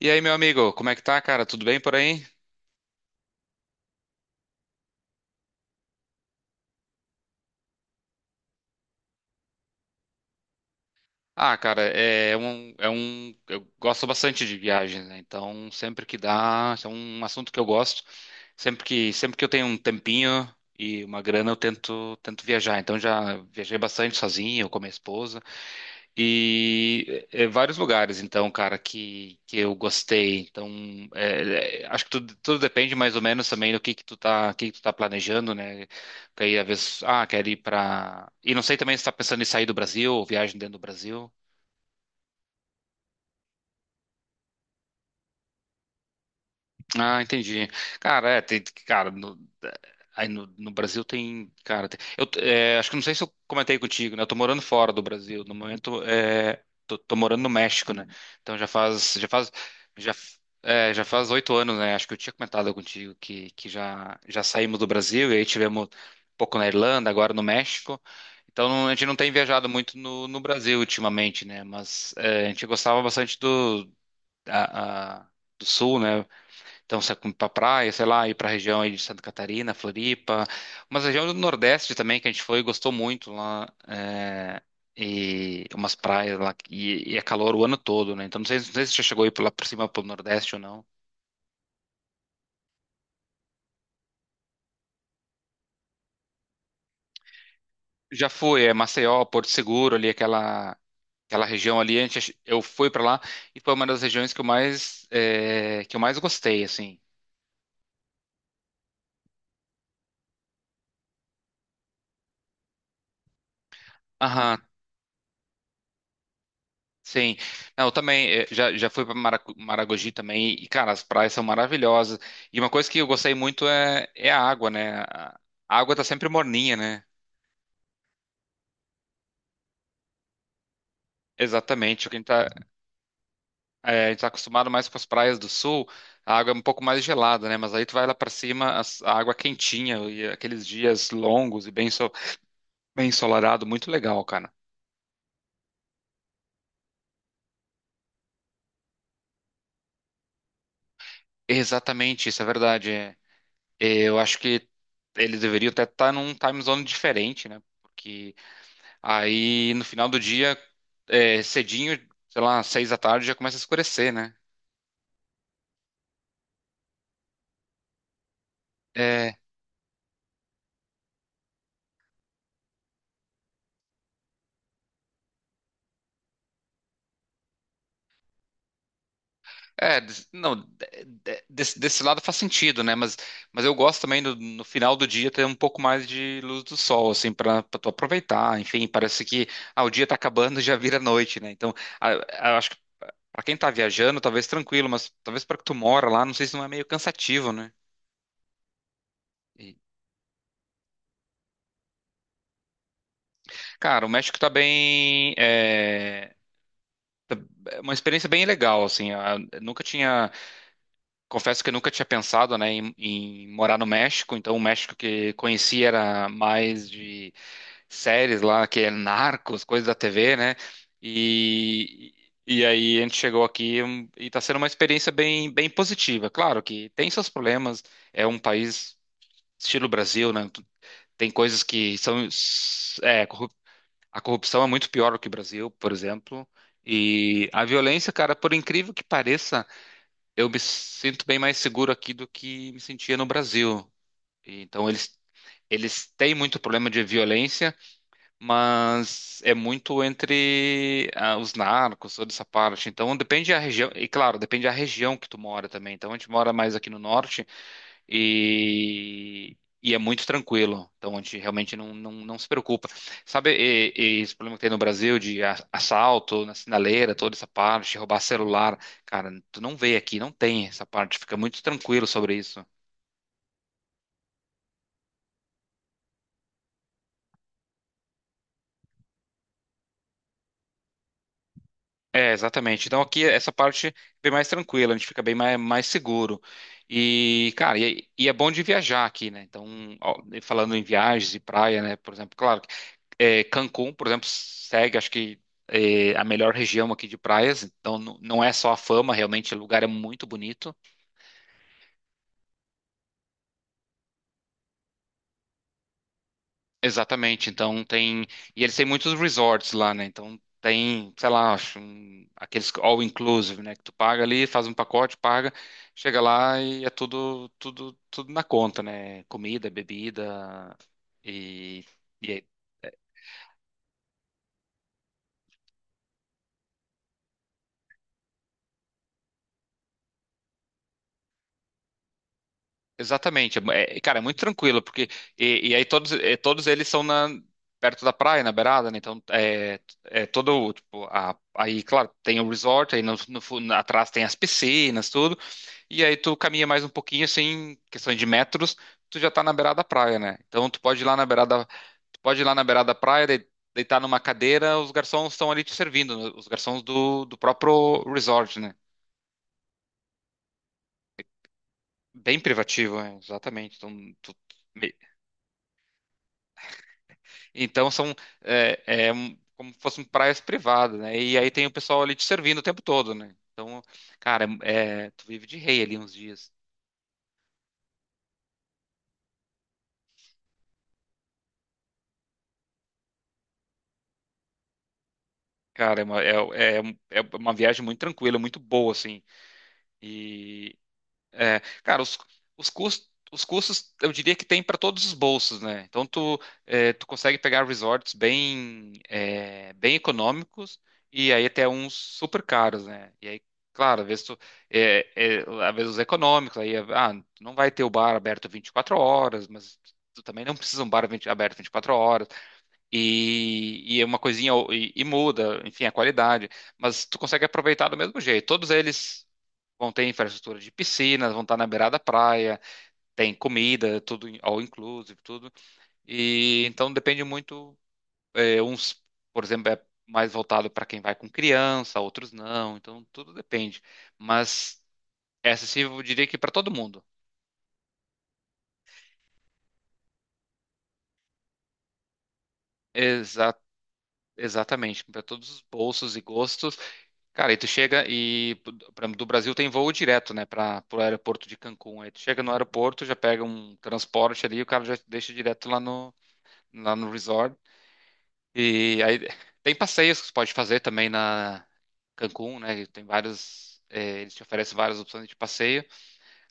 E aí, meu amigo, como é que tá, cara? Tudo bem por aí? Ah, cara, eu gosto bastante de viagens, né? Então, sempre que dá, isso é um assunto que eu gosto. Sempre que eu tenho um tempinho e uma grana, eu tento viajar. Então, já viajei bastante sozinho, com a minha esposa. E vários lugares, então, cara, que eu gostei. Então, acho que tudo depende mais ou menos também do que tu tá, o que que tu tá planejando, né? Porque aí, às vezes, quero ir pra... E não sei também se tá pensando em sair do Brasil, ou viagem dentro do Brasil. Ah, entendi. Cara, é, tem, cara, no, é, aí no, no Brasil tem, cara, tem- eu é, acho que não sei se eu comentei contigo, né? Eu tô morando fora do Brasil, no momento tô morando no México, né? Então já, já faz 8 anos, né? Acho que eu tinha comentado contigo que já saímos do Brasil e aí tivemos um pouco na Irlanda, agora no México. Então a gente não tem viajado muito no Brasil ultimamente, né? Mas é, a gente gostava bastante a, a- do Sul, né? Então, você ir para praia, sei lá, ir para a região aí de Santa Catarina, Floripa, umas regiões do Nordeste também que a gente foi e gostou muito lá. E umas praias lá, e é calor o ano todo, né? Então, não sei se você chegou aí por lá por cima, pro Nordeste ou não. Já fui, é Maceió, Porto Seguro, ali aquela região ali. Eu fui para lá e foi uma das regiões que eu mais gostei, assim. Aham. Sim. Não, eu também já fui para Maragogi também e, cara, as praias são maravilhosas. E uma coisa que eu gostei muito é a água, né? A água tá sempre morninha, né? Exatamente, o que a gente tá, eh, a gente tá acostumado mais com as praias do sul, a água é um pouco mais gelada, né? Mas aí tu vai lá para cima, a água é quentinha e aqueles dias longos e bem ensolarado, muito legal, cara. Exatamente, isso é verdade. Eu acho que eles deveriam até estar num time zone diferente, né? Aí no final do dia, cedinho, sei lá, 6 da tarde já começa a escurecer, né? É, é, des- não, de- desse, desse lado faz sentido, né? Mas eu gosto também no final do dia ter um pouco mais de luz do sol, assim, pra tu aproveitar. Enfim, parece que o dia tá acabando e já vira noite, né? Então, a- acho que pra quem tá viajando, talvez tranquilo, mas talvez pra que tu mora lá, não sei se não é meio cansativo, né? E, cara, o México tá bem. É uma experiência bem legal, assim. A- nunca tinha, Confesso que eu nunca tinha pensado, né, em morar no México. Então, o México que conheci era mais de séries lá, que é Narcos, coisas da TV, né? E, e aí a gente chegou aqui e está sendo uma experiência bem positiva. Claro que tem seus problemas, é um país estilo Brasil, né? Tem coisas que são, é, corrup- a corrupção é muito pior do que o Brasil, por exemplo. E a violência, cara, por incrível que pareça, eu me sinto bem mais seguro aqui do que me sentia no Brasil. Então, eles têm muito problema de violência, mas é muito entre os narcos, toda essa parte. Então depende da região, e claro, depende da região que tu mora também. Então a gente mora mais aqui no norte e, e é muito tranquilo. Então a gente realmente não se preocupa. Sabe e esse problema que tem no Brasil de assalto na sinaleira, toda essa parte, roubar celular? Cara, tu não vê aqui, não tem essa parte, fica muito tranquilo sobre isso. É, exatamente. Então aqui essa parte é bem mais tranquila, a gente fica bem mais, mais seguro. E, cara, e é bom de viajar aqui, né? Então, ó, falando em viagens e praia, né? Por exemplo, claro, Cancún, por exemplo, segue, acho que é a melhor região aqui de praias. Então, não é só a fama, realmente, o lugar é muito bonito. Exatamente, então tem. E eles têm muitos resorts lá, né? Então tem, sei lá, acho, aqueles all inclusive, né? Que tu paga ali, faz um pacote, paga, chega lá e é tudo na conta, né? Comida, bebida e, e é- exatamente. Cara, é muito tranquilo, porque e aí todos eles são perto da praia, na beirada, né? Então é todo, tipo, aí, claro, tem o resort, aí no, no fu- atrás tem as piscinas, tudo. E aí tu caminha mais um pouquinho, assim, questão de metros, tu já tá na beirada da praia, né? Então tu pode ir lá na beirada, tu pode ir lá na beirada da praia, deitar numa cadeira, os garçons estão ali te servindo, né? Os garçons do próprio resort, né? Bem privativo, é, exatamente. Então, tu- me- então são é, é como se fossem praias privadas, né? E aí tem o pessoal ali te servindo o tempo todo, né? Então, cara, tu vive de rei ali uns dias. Cara, é uma, é uma viagem muito tranquila, muito boa, assim. E, É, cara, os custos eu diria que tem para todos os bolsos, né? Então tu consegue pegar resorts bem econômicos e aí até uns super caros, né? E aí, claro, às vezes é, é, às vezes os econômicos, aí, tu não vai ter o bar aberto 24 horas, mas tu também não precisa de um bar 20 aberto 24 horas. E é uma coisinha, e muda, enfim, a qualidade. Mas tu consegue aproveitar do mesmo jeito. Todos eles. Vão ter infraestrutura de piscinas, vão estar na beirada da praia, tem comida, tudo all inclusive, tudo. E então depende muito, é, uns, por exemplo, é mais voltado para quem vai com criança, outros não, então tudo depende. Mas é acessível, eu diria que para todo mundo. Exa- Exatamente, para todos os bolsos e gostos. Cara, aí tu chega e por exemplo, do Brasil tem voo direto, né, para o aeroporto de Cancún. Aí tu chega no aeroporto, já pega um transporte ali, o cara já te deixa direto lá no resort. E aí tem passeios que você pode fazer também na Cancún, né? Tem vários, eles te oferecem várias opções de passeio.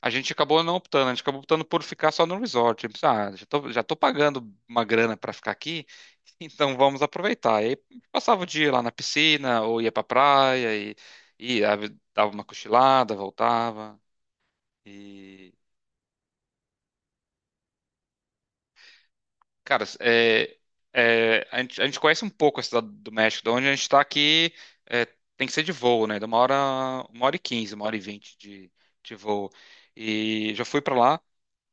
A gente acabou não optando, a gente acabou optando por ficar só no resort. Tipo, ah, já tô pagando uma grana para ficar aqui, então vamos aproveitar. E aí passava o dia lá na piscina ou ia pra praia e ah, dava uma cochilada, voltava. e Cara, a gente conhece um pouco a cidade do México, de onde a gente está aqui, é, tem que ser de voo, né? De uma hora, 1 hora e 15, 1 hora e 20 de voo. E já fui para lá,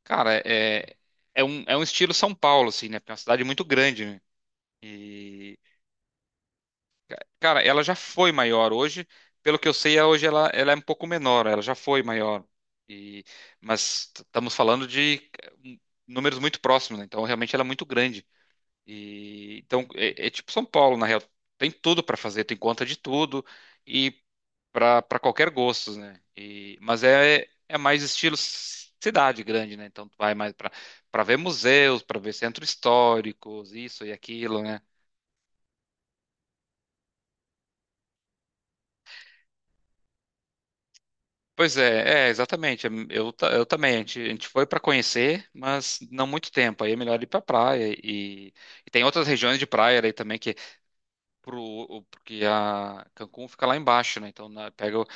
cara, é um estilo São Paulo, assim, né? Porque é uma cidade muito grande, né? E, cara, ela já foi maior hoje, pelo que eu sei, hoje ela é um pouco menor, ela já foi maior. E, mas estamos falando de eh, números muito próximos, né? Então realmente ela é muito grande. E, então, é tipo São Paulo, na real. Tem tudo para fazer, tem conta de tudo e para qualquer gosto, né? E, mas é mais estilo cidade grande, né? Então, tu vai mais para ver museus, para ver centros históricos, isso e aquilo, né? Pois é, é exatamente. Eu também. A gente foi para conhecer, mas não muito tempo. Aí é melhor ir para praia. E tem outras regiões de praia aí também que porque a Cancún fica lá embaixo, né? Então pega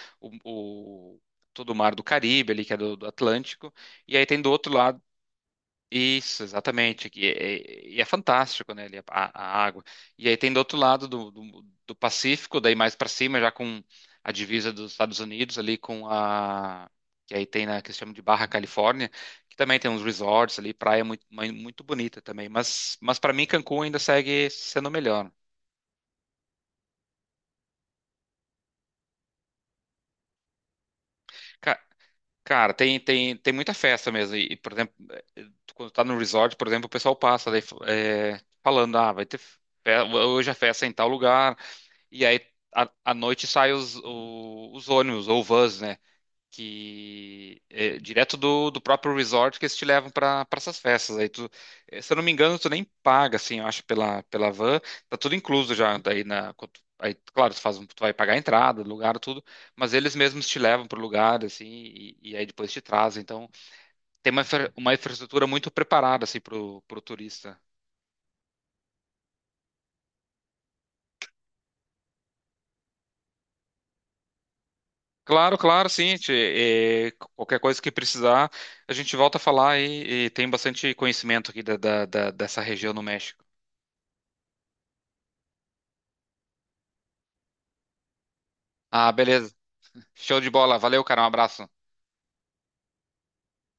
o- o- todo o mar do Caribe ali, que é do Atlântico, e aí tem do outro lado. Isso, exatamente. E é fantástico, né? Ali a água. E aí tem do outro lado do Pacífico, daí mais para cima, já com a divisa dos Estados Unidos ali com a que aí tem na que se chama de Barra Califórnia, que também tem uns resorts ali, praia muito, muito bonita também. Mas para mim Cancún ainda segue sendo o melhor. Cara, tem muita festa mesmo. E, por exemplo, quando tá no resort, por exemplo, o pessoal passa daí, falando, ah, hoje a festa é em tal lugar. E aí, à noite saem os ônibus ou vans, né? Que é direto do próprio resort que eles te levam para essas festas. Aí tu, se eu não me engano, tu nem paga, assim, eu acho, pela van, tá tudo incluso já. Daí na, quando tu- aí, claro, tu vai pagar a entrada, lugar, tudo, mas eles mesmos te levam pro lugar, assim, e aí depois te trazem. Então, tem uma infraestrutura muito preparada, assim, pro turista. Claro, claro, sim. Qualquer coisa que precisar, a gente volta a falar e tem bastante conhecimento aqui dessa região no México. Ah, beleza. Show de bola. Valeu, cara. Um abraço.